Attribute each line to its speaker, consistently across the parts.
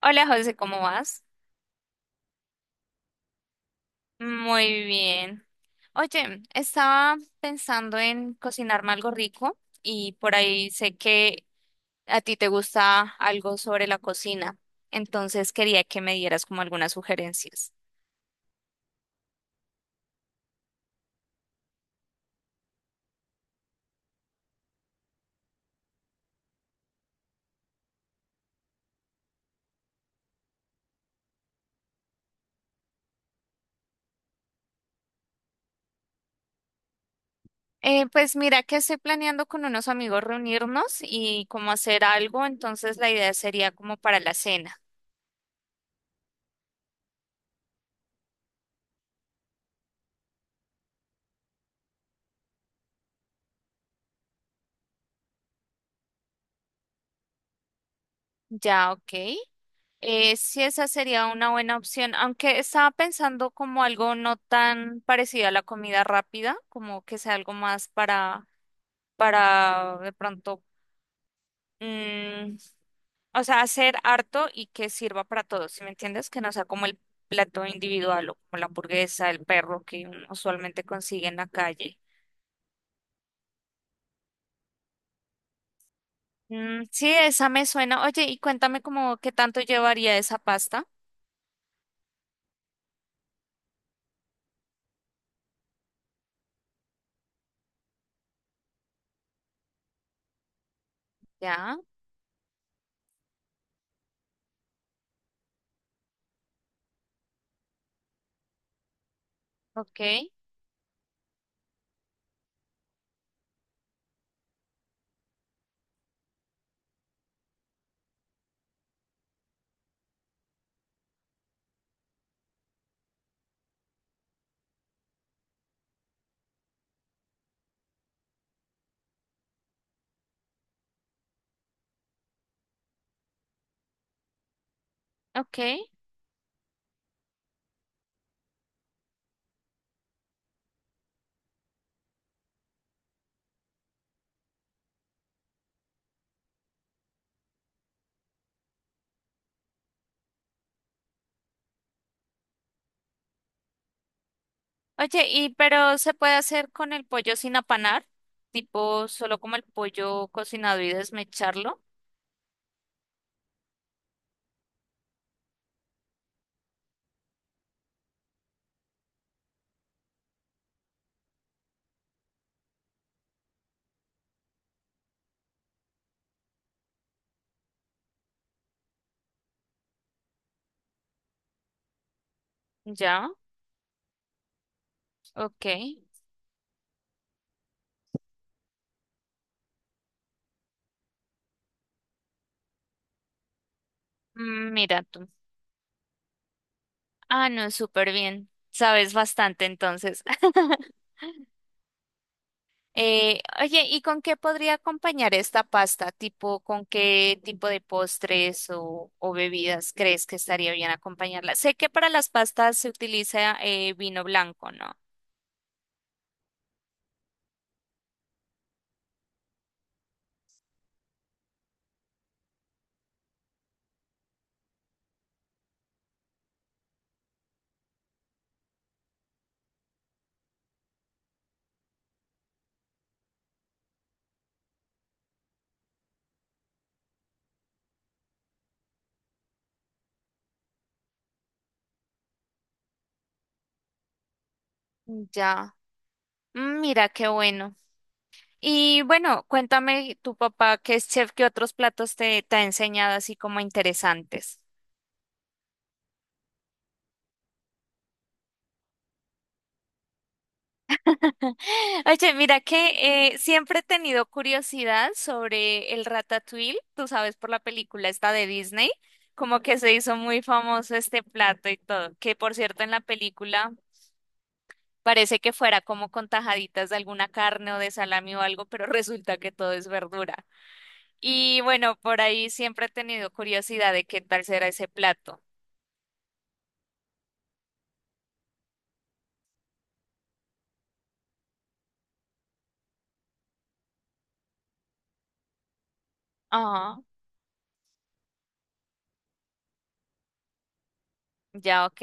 Speaker 1: Hola José, ¿cómo vas? Muy bien. Oye, estaba pensando en cocinarme algo rico y por ahí sé que a ti te gusta algo sobre la cocina, entonces quería que me dieras como algunas sugerencias. Pues mira que estoy planeando con unos amigos reunirnos y como hacer algo, entonces la idea sería como para la cena. Ya, ok. Sí, esa sería una buena opción, aunque estaba pensando como algo no tan parecido a la comida rápida, como que sea algo más para de pronto, mm, o sea, hacer harto y que sirva para todos, ¿sí me entiendes? Que no sea como el plato individual o como la hamburguesa, el perro que uno usualmente consigue en la calle. Mm, sí, esa me suena. Oye, y cuéntame como qué tanto llevaría esa pasta. Ya, ok, ok. Oye, ¿y pero se puede hacer con el pollo sin apanar? Tipo, solo como el pollo cocinado y desmecharlo. Ya, ok. Mm, mira tú. Ah, no, súper bien. Sabes bastante entonces. Oye, ¿y con qué podría acompañar esta pasta? Tipo, ¿con qué tipo de postres o bebidas crees que estaría bien acompañarla? Sé que para las pastas se utiliza vino blanco, ¿no? Ya. Mm, mira, qué bueno. Y bueno, cuéntame tu papá, que es chef, ¿qué otros platos te ha enseñado así como interesantes? Oye, mira que siempre he tenido curiosidad sobre el Ratatouille, tú sabes, por la película esta de Disney, como que se hizo muy famoso este plato y todo, que por cierto en la película parece que fuera como con tajaditas de alguna carne o de salami o algo, pero resulta que todo es verdura. Y bueno, por ahí siempre he tenido curiosidad de qué tal será ese plato. Ajá. Ya, ok.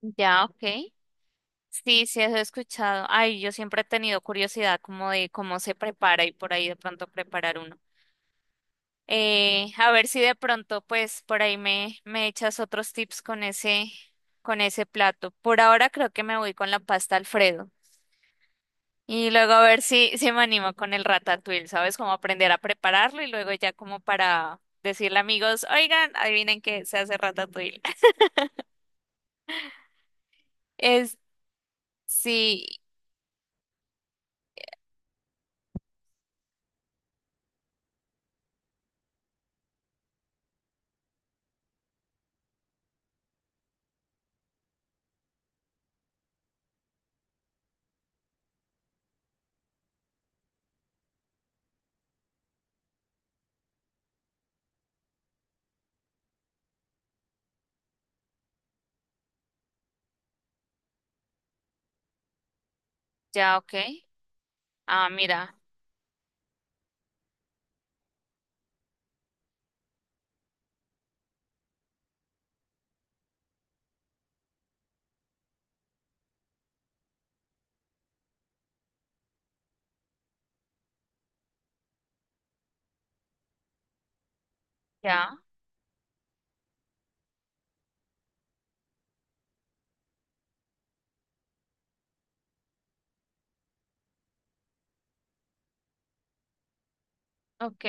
Speaker 1: Ya, ok. Sí, sí, eso he escuchado. Ay, yo siempre he tenido curiosidad como de cómo se prepara y por ahí de pronto preparar uno. A ver si de pronto, pues, por ahí me echas otros tips con ese plato. Por ahora creo que me voy con la pasta Alfredo. Y luego a ver si me animo con el ratatouille, ¿sabes? Como aprender a prepararlo y luego ya como para decirle a amigos, oigan, adivinen que se hace ratatouille. Es, sí, ya, ok. Ah, mira. Ya, ok.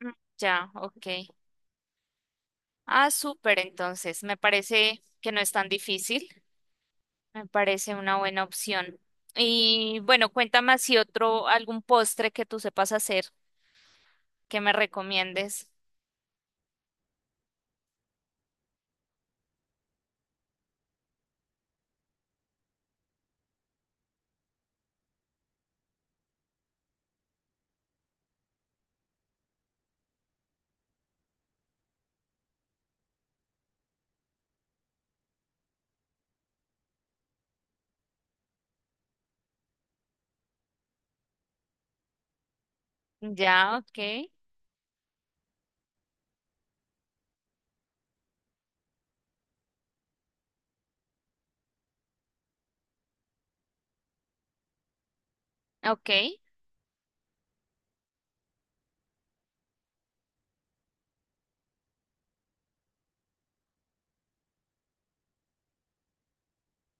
Speaker 1: mm, Ya, ok. Ah, súper, entonces. Me parece que no es tan difícil. Me parece una buena opción. Y bueno, cuéntame así otro, algún postre que tú sepas hacer que me recomiendes. Ya, ok. Ok.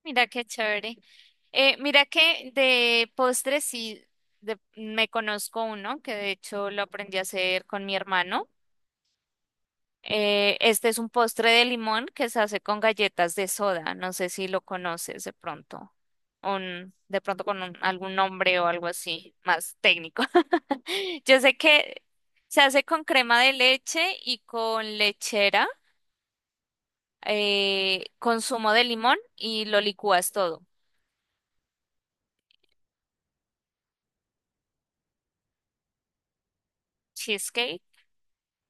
Speaker 1: Mira qué chévere. Mira que de postres sí me conozco uno que de hecho lo aprendí a hacer con mi hermano. Este es un postre de limón que se hace con galletas de soda. No sé si lo conoces de pronto. De pronto con algún nombre o algo así más técnico. Yo sé que se hace con crema de leche y con lechera, con zumo de limón y lo licúas todo. Cheesecake.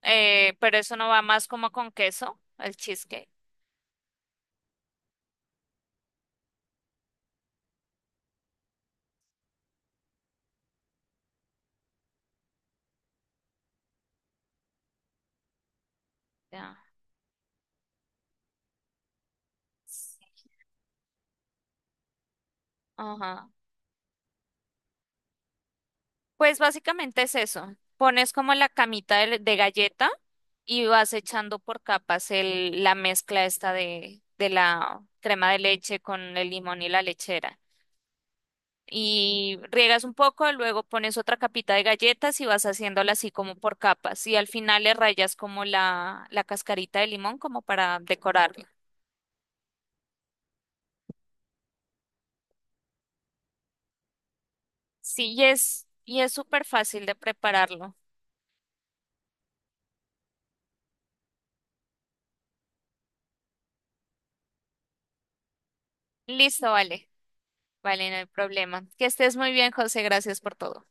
Speaker 1: Pero eso no va más como con queso, el cheesecake. Ya. Sí. Ajá. Pues básicamente es eso. Pones como la camita de galleta y vas echando por capas la mezcla esta de la crema de leche con el limón y la lechera. Y riegas un poco, luego pones otra capita de galletas y vas haciéndola así como por capas. Y al final le rayas como la cascarita de limón como para decorarla. Y es súper fácil de prepararlo. Listo, vale. Vale, no hay problema. Que estés muy bien, José. Gracias por todo.